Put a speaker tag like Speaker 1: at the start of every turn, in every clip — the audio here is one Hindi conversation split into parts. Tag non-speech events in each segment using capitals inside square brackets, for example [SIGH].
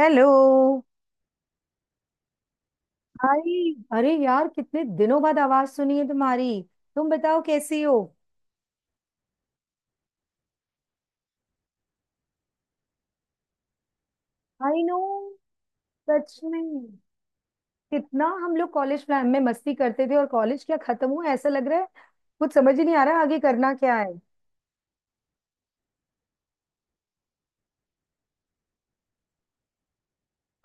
Speaker 1: हेलो। हाय। अरे यार, कितने दिनों बाद आवाज सुनी है तुम्हारी। तुम बताओ, कैसी हो? I know. सच में। कितना हम लोग कॉलेज प्लान में मस्ती करते थे, और कॉलेज क्या खत्म हुआ, ऐसा लग रहा है कुछ समझ ही नहीं आ रहा आगे करना क्या है।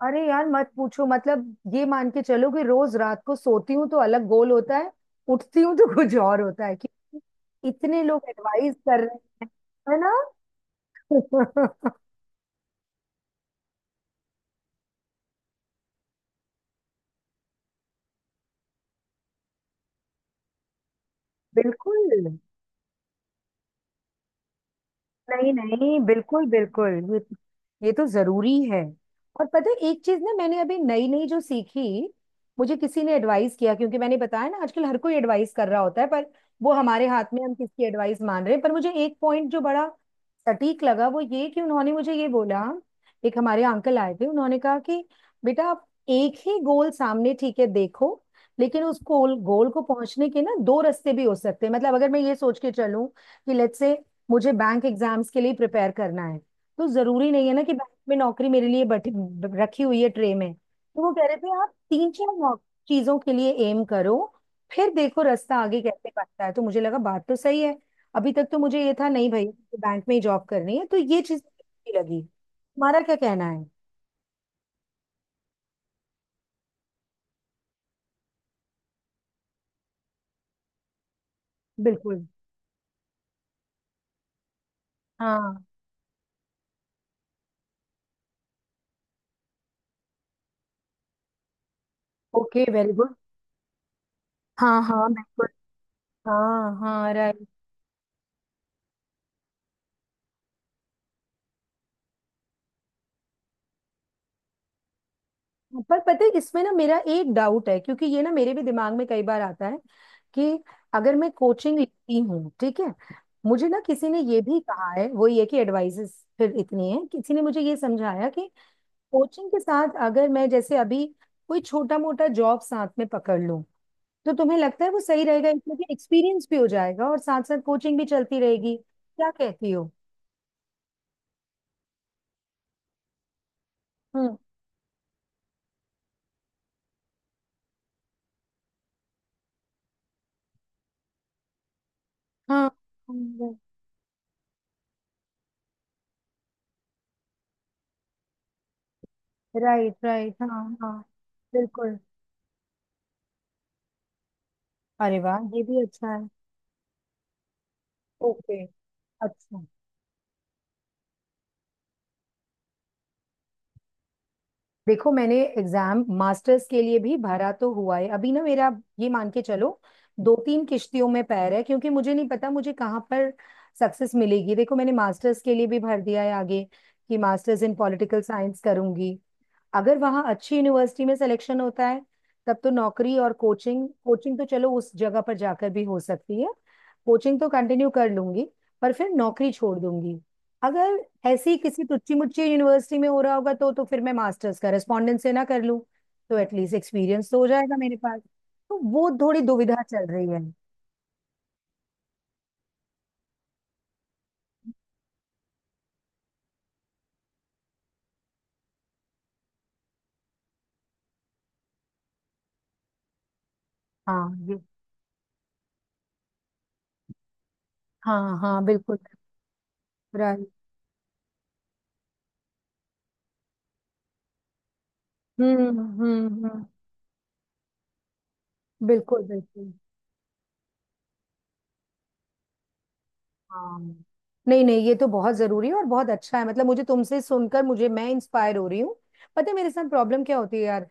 Speaker 1: अरे यार मत पूछो। मतलब ये मान के चलो कि रोज रात को सोती हूँ तो अलग गोल होता है। उठती हूँ तो [LAUGHS] कुछ और होता है कि इतने लोग एडवाइस कर रहे हैं। है ना। [LAUGHS] बिल्कुल। नहीं नहीं, बिल्कुल बिल्कुल, ये तो जरूरी है। और पता है, एक चीज ना मैंने अभी नई नई जो सीखी, मुझे किसी ने एडवाइस किया। क्योंकि मैंने बताया ना, आजकल हर कोई एडवाइस कर रहा होता है, पर वो हमारे हाथ में हम किसकी एडवाइस मान रहे हैं। पर मुझे एक पॉइंट जो बड़ा सटीक लगा, वो ये कि उन्होंने मुझे ये बोला। एक हमारे अंकल आए थे, उन्होंने कहा कि बेटा, आप एक ही गोल सामने, ठीक है देखो, लेकिन उस गोल गोल को पहुंचने के ना दो रास्ते भी हो सकते हैं। मतलब अगर मैं ये सोच के चलूं कि लेट्स से मुझे बैंक एग्जाम्स के लिए प्रिपेयर करना है, तो जरूरी नहीं है ना कि बैंक में नौकरी मेरे लिए बैठी रखी हुई है ट्रे में। तो वो कह रहे थे आप तीन चार चीजों के लिए एम करो, फिर देखो रास्ता आगे कैसे बढ़ता है। तो मुझे लगा बात तो सही है। अभी तक तो मुझे ये था नहीं भाई, मुझे बैंक में ही जॉब करनी है, तो ये चीज अच्छी लगी। तुम्हारा क्या कहना है? बिल्कुल। हाँ। Okay, very good. हाँ हाँ, बिल्कुल। हाँ हाँ, राइट। पर पता है इसमें ना मेरा एक डाउट है, क्योंकि ये ना मेरे भी दिमाग में कई बार आता है कि अगर मैं कोचिंग लेती हूँ, ठीक है, मुझे ना किसी ने ये भी कहा है। वो ये कि एडवाइसेस फिर इतनी है, किसी ने मुझे ये समझाया कि कोचिंग के साथ अगर मैं जैसे अभी कोई छोटा मोटा जॉब साथ में पकड़ लूं, तो तुम्हें लगता है वो सही रहेगा इसमें कि एक्सपीरियंस भी हो जाएगा और साथ साथ कोचिंग भी चलती रहेगी? क्या कहती हो? हम्म। हाँ। राइट राइट, हाँ right, right, हाँ हाँ, बिल्कुल। अरे वाह, ये भी अच्छा है। ओके। अच्छा। देखो, मैंने एग्जाम मास्टर्स के लिए भी भरा तो हुआ है अभी ना मेरा। ये मान के चलो दो तीन किश्तियों में पैर है, क्योंकि मुझे नहीं पता मुझे कहाँ पर सक्सेस मिलेगी। देखो मैंने मास्टर्स के लिए भी भर दिया है आगे कि मास्टर्स इन पॉलिटिकल साइंस करूंगी। अगर वहाँ अच्छी यूनिवर्सिटी में सिलेक्शन होता है, तब तो नौकरी और कोचिंग, कोचिंग तो चलो उस जगह पर जाकर भी हो सकती है। कोचिंग तो कंटिन्यू कर लूंगी, पर फिर नौकरी छोड़ दूंगी। अगर ऐसी किसी टुच्ची मुच्ची यूनिवर्सिटी में हो रहा होगा, तो फिर मैं मास्टर्स का रेस्पॉन्डेंस से ना कर लूं, तो एटलीस्ट एक्सपीरियंस तो हो जाएगा मेरे पास। तो वो थोड़ी दुविधा चल रही है। हाँ ये। हाँ हाँ, बिल्कुल। राइट। हम्म। बिल्कुल बिल्कुल। हाँ। नहीं नहीं, ये तो बहुत जरूरी है और बहुत अच्छा है। मतलब मुझे तुमसे सुनकर मुझे मैं इंस्पायर हो रही हूँ। पता है मेरे साथ प्रॉब्लम क्या होती है यार।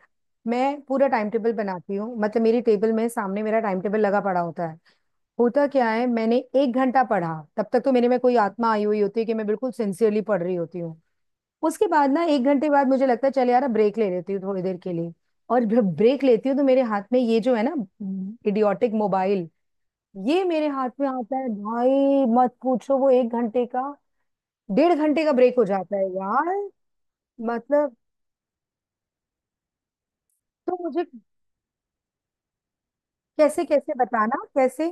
Speaker 1: मैं पूरा टाइम टेबल बनाती हूँ, मतलब मेरी टेबल में सामने मेरा टाइम टेबल लगा पड़ा होता है। होता क्या है, मैंने एक घंटा पढ़ा, तब तक तो मेरे में कोई आत्मा आई हुई होती है कि मैं बिल्कुल सिंसियरली पढ़ रही होती हूँ। उसके बाद ना, एक घंटे बाद मुझे लगता है चल यार ब्रेक ले लेती हूँ थोड़ी देर के लिए। और जब ब्रेक लेती हूँ तो मेरे हाथ में ये जो है ना, इडियोटिक मोबाइल, ये मेरे हाथ में आता है। भाई मत पूछो, वो एक घंटे का डेढ़ घंटे का ब्रेक हो जाता है यार। मतलब तो मुझे कैसे कैसे बताना कैसे।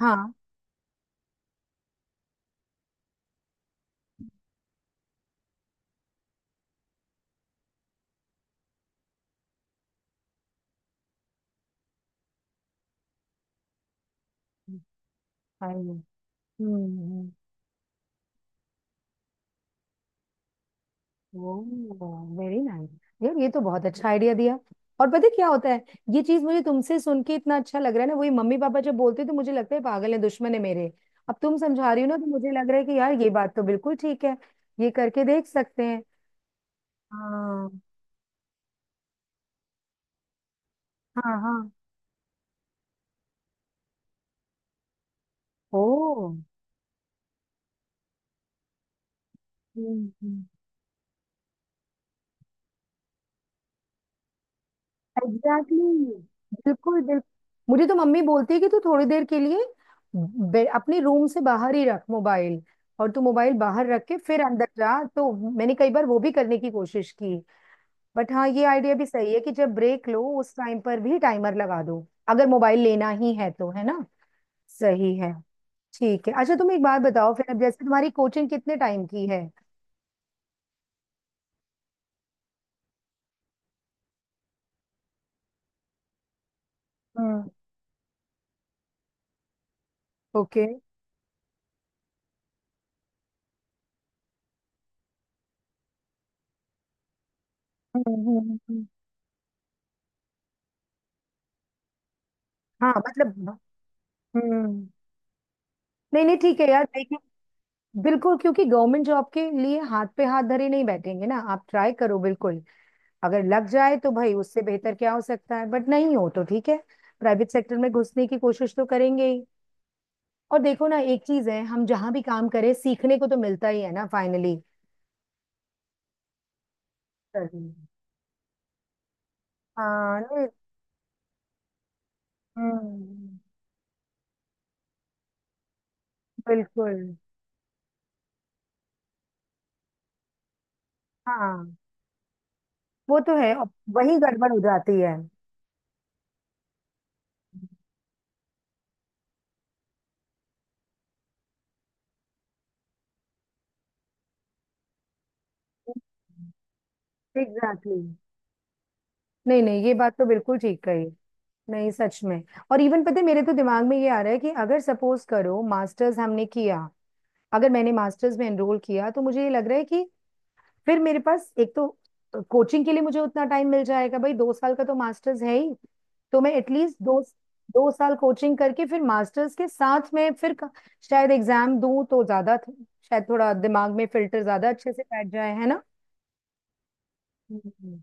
Speaker 1: हाँ। I know. Hmm. Oh, very nice. यार ये तो बहुत अच्छा आइडिया दिया। और पता है क्या होता है, ये चीज मुझे तुमसे सुन के इतना अच्छा लग रहा है ना, वही मम्मी पापा जब बोलते हैं तो मुझे लगता है पागल है, दुश्मन है मेरे। अब तुम समझा रही हो ना तो मुझे लग रहा है कि यार ये बात तो बिल्कुल ठीक है। ये करके देख सकते हैं। हाँ हाँ हाँ। ओ। हम्म। Exactly exactly। बिल्कुल बिल्कुल। मुझे तो मम्मी बोलती है कि तू थोड़ी देर के लिए अपने रूम से बाहर ही रख मोबाइल, और तू मोबाइल बाहर रख के फिर अंदर जा। तो मैंने कई बार वो भी करने की कोशिश की। बट हाँ, ये आइडिया भी सही है कि जब ब्रेक लो उस टाइम पर भी टाइमर लगा दो, अगर मोबाइल लेना ही है, तो है ना? सही है। ठीक है। अच्छा तुम एक बात बताओ फिर, अब जैसे तुम्हारी कोचिंग कितने टाइम की है? Hmm. Okay. Hmm hmm, hmm, hmm. हाँ मतलब। हम्म। नहीं नहीं, ठीक है यार। बिल्कुल, क्योंकि गवर्नमेंट जॉब के लिए हाथ पे हाथ धरे नहीं बैठेंगे ना, आप ट्राई करो बिल्कुल। अगर लग जाए तो भाई उससे बेहतर क्या हो सकता है, बट नहीं हो तो ठीक है। प्राइवेट सेक्टर में घुसने की कोशिश तो करेंगे ही। और देखो ना, एक चीज है, हम जहां भी काम करें सीखने को तो मिलता ही है ना फाइनली। सही। हाँ नहीं। हम्म। बिल्कुल। हाँ। वो तो है। और वही गड़बड़ हो जाती है। Exactly exactly। नहीं नहीं, ये बात तो बिल्कुल ठीक कही। नहीं सच में। और इवन पता है, मेरे तो दिमाग में ये आ रहा है कि अगर सपोज करो मास्टर्स हमने किया, अगर मैंने मास्टर्स में एनरोल किया, तो मुझे ये लग रहा है कि फिर मेरे पास एक तो कोचिंग के लिए मुझे उतना टाइम मिल जाएगा। भाई दो साल का तो मास्टर्स है ही। तो मैं एटलीस्ट दो दो साल कोचिंग करके फिर मास्टर्स के साथ में फिर शायद एग्जाम दूं तो ज्यादा शायद थोड़ा दिमाग में फिल्टर ज्यादा अच्छे से बैठ जाए, है ना। हम्म।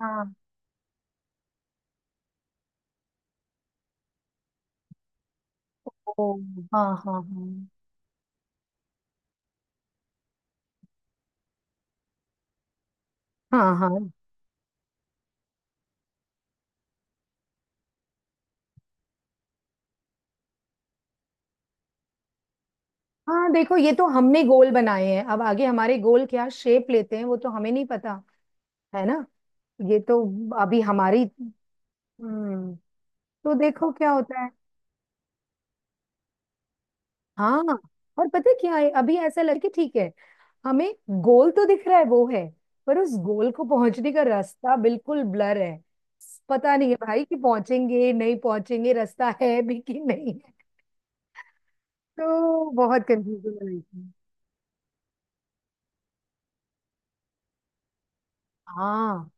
Speaker 1: हाँ ओ, हाँ हाँ हाँ, हाँ हाँ हाँ। देखो, ये तो हमने गोल बनाए हैं, अब आगे हमारे गोल क्या शेप लेते हैं वो तो हमें नहीं पता, है ना। ये तो अभी हमारी। हम्म। तो देखो क्या होता है। हाँ। और पता है क्या है, अभी ऐसा लगे कि ठीक है, हमें गोल तो दिख रहा है वो है, पर उस गोल को पहुंचने का रास्ता बिल्कुल ब्लर है। पता नहीं है भाई कि पहुंचेंगे नहीं पहुंचेंगे, रास्ता है भी कि नहीं है। तो बहुत कंफ्यूजन हो रही थी। हाँ।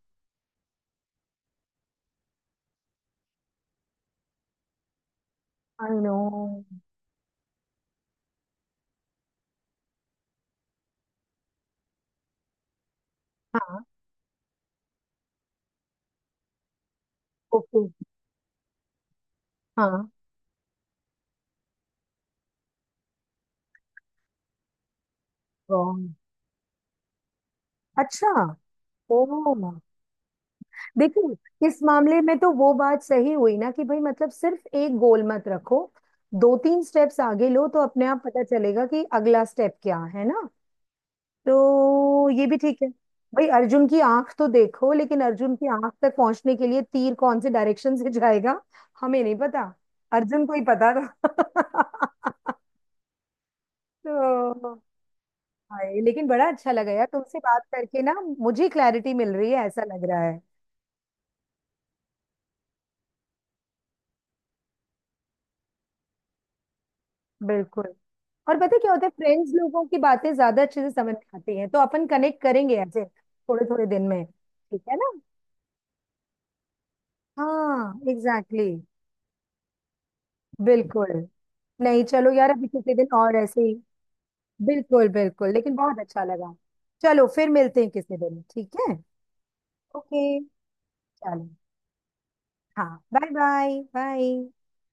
Speaker 1: I know. हाँ। ओके। हाँ wrong। अच्छा। ओ। देखिए इस मामले में तो वो बात सही हुई ना कि भाई, मतलब सिर्फ एक गोल मत रखो, दो तीन स्टेप्स आगे लो तो अपने आप पता चलेगा कि अगला स्टेप क्या है, ना। तो ये भी ठीक है। भाई अर्जुन की आंख तो देखो, लेकिन अर्जुन की आंख तक पहुंचने के लिए तीर कौन से डायरेक्शन से जाएगा हमें नहीं पता। अर्जुन को ही पता था [LAUGHS] तो भाई, लेकिन बड़ा अच्छा लगा यार तुमसे बात करके ना, मुझे क्लैरिटी मिल रही है ऐसा लग रहा है। बिल्कुल। और पता है क्या होता है, फ्रेंड्स लोगों की बातें ज्यादा अच्छे से समझ में आती हैं, तो अपन कनेक्ट करेंगे ऐसे थोड़े थोड़े दिन में, ठीक है ना। हाँ एग्जैक्टली exactly, बिल्कुल। नहीं चलो यार, अभी किसी दिन और ऐसे ही। बिल्कुल बिल्कुल, लेकिन बहुत अच्छा लगा। चलो फिर मिलते हैं किसी दिन, ठीक है। ओके। चलो। हाँ। Bye bye bye.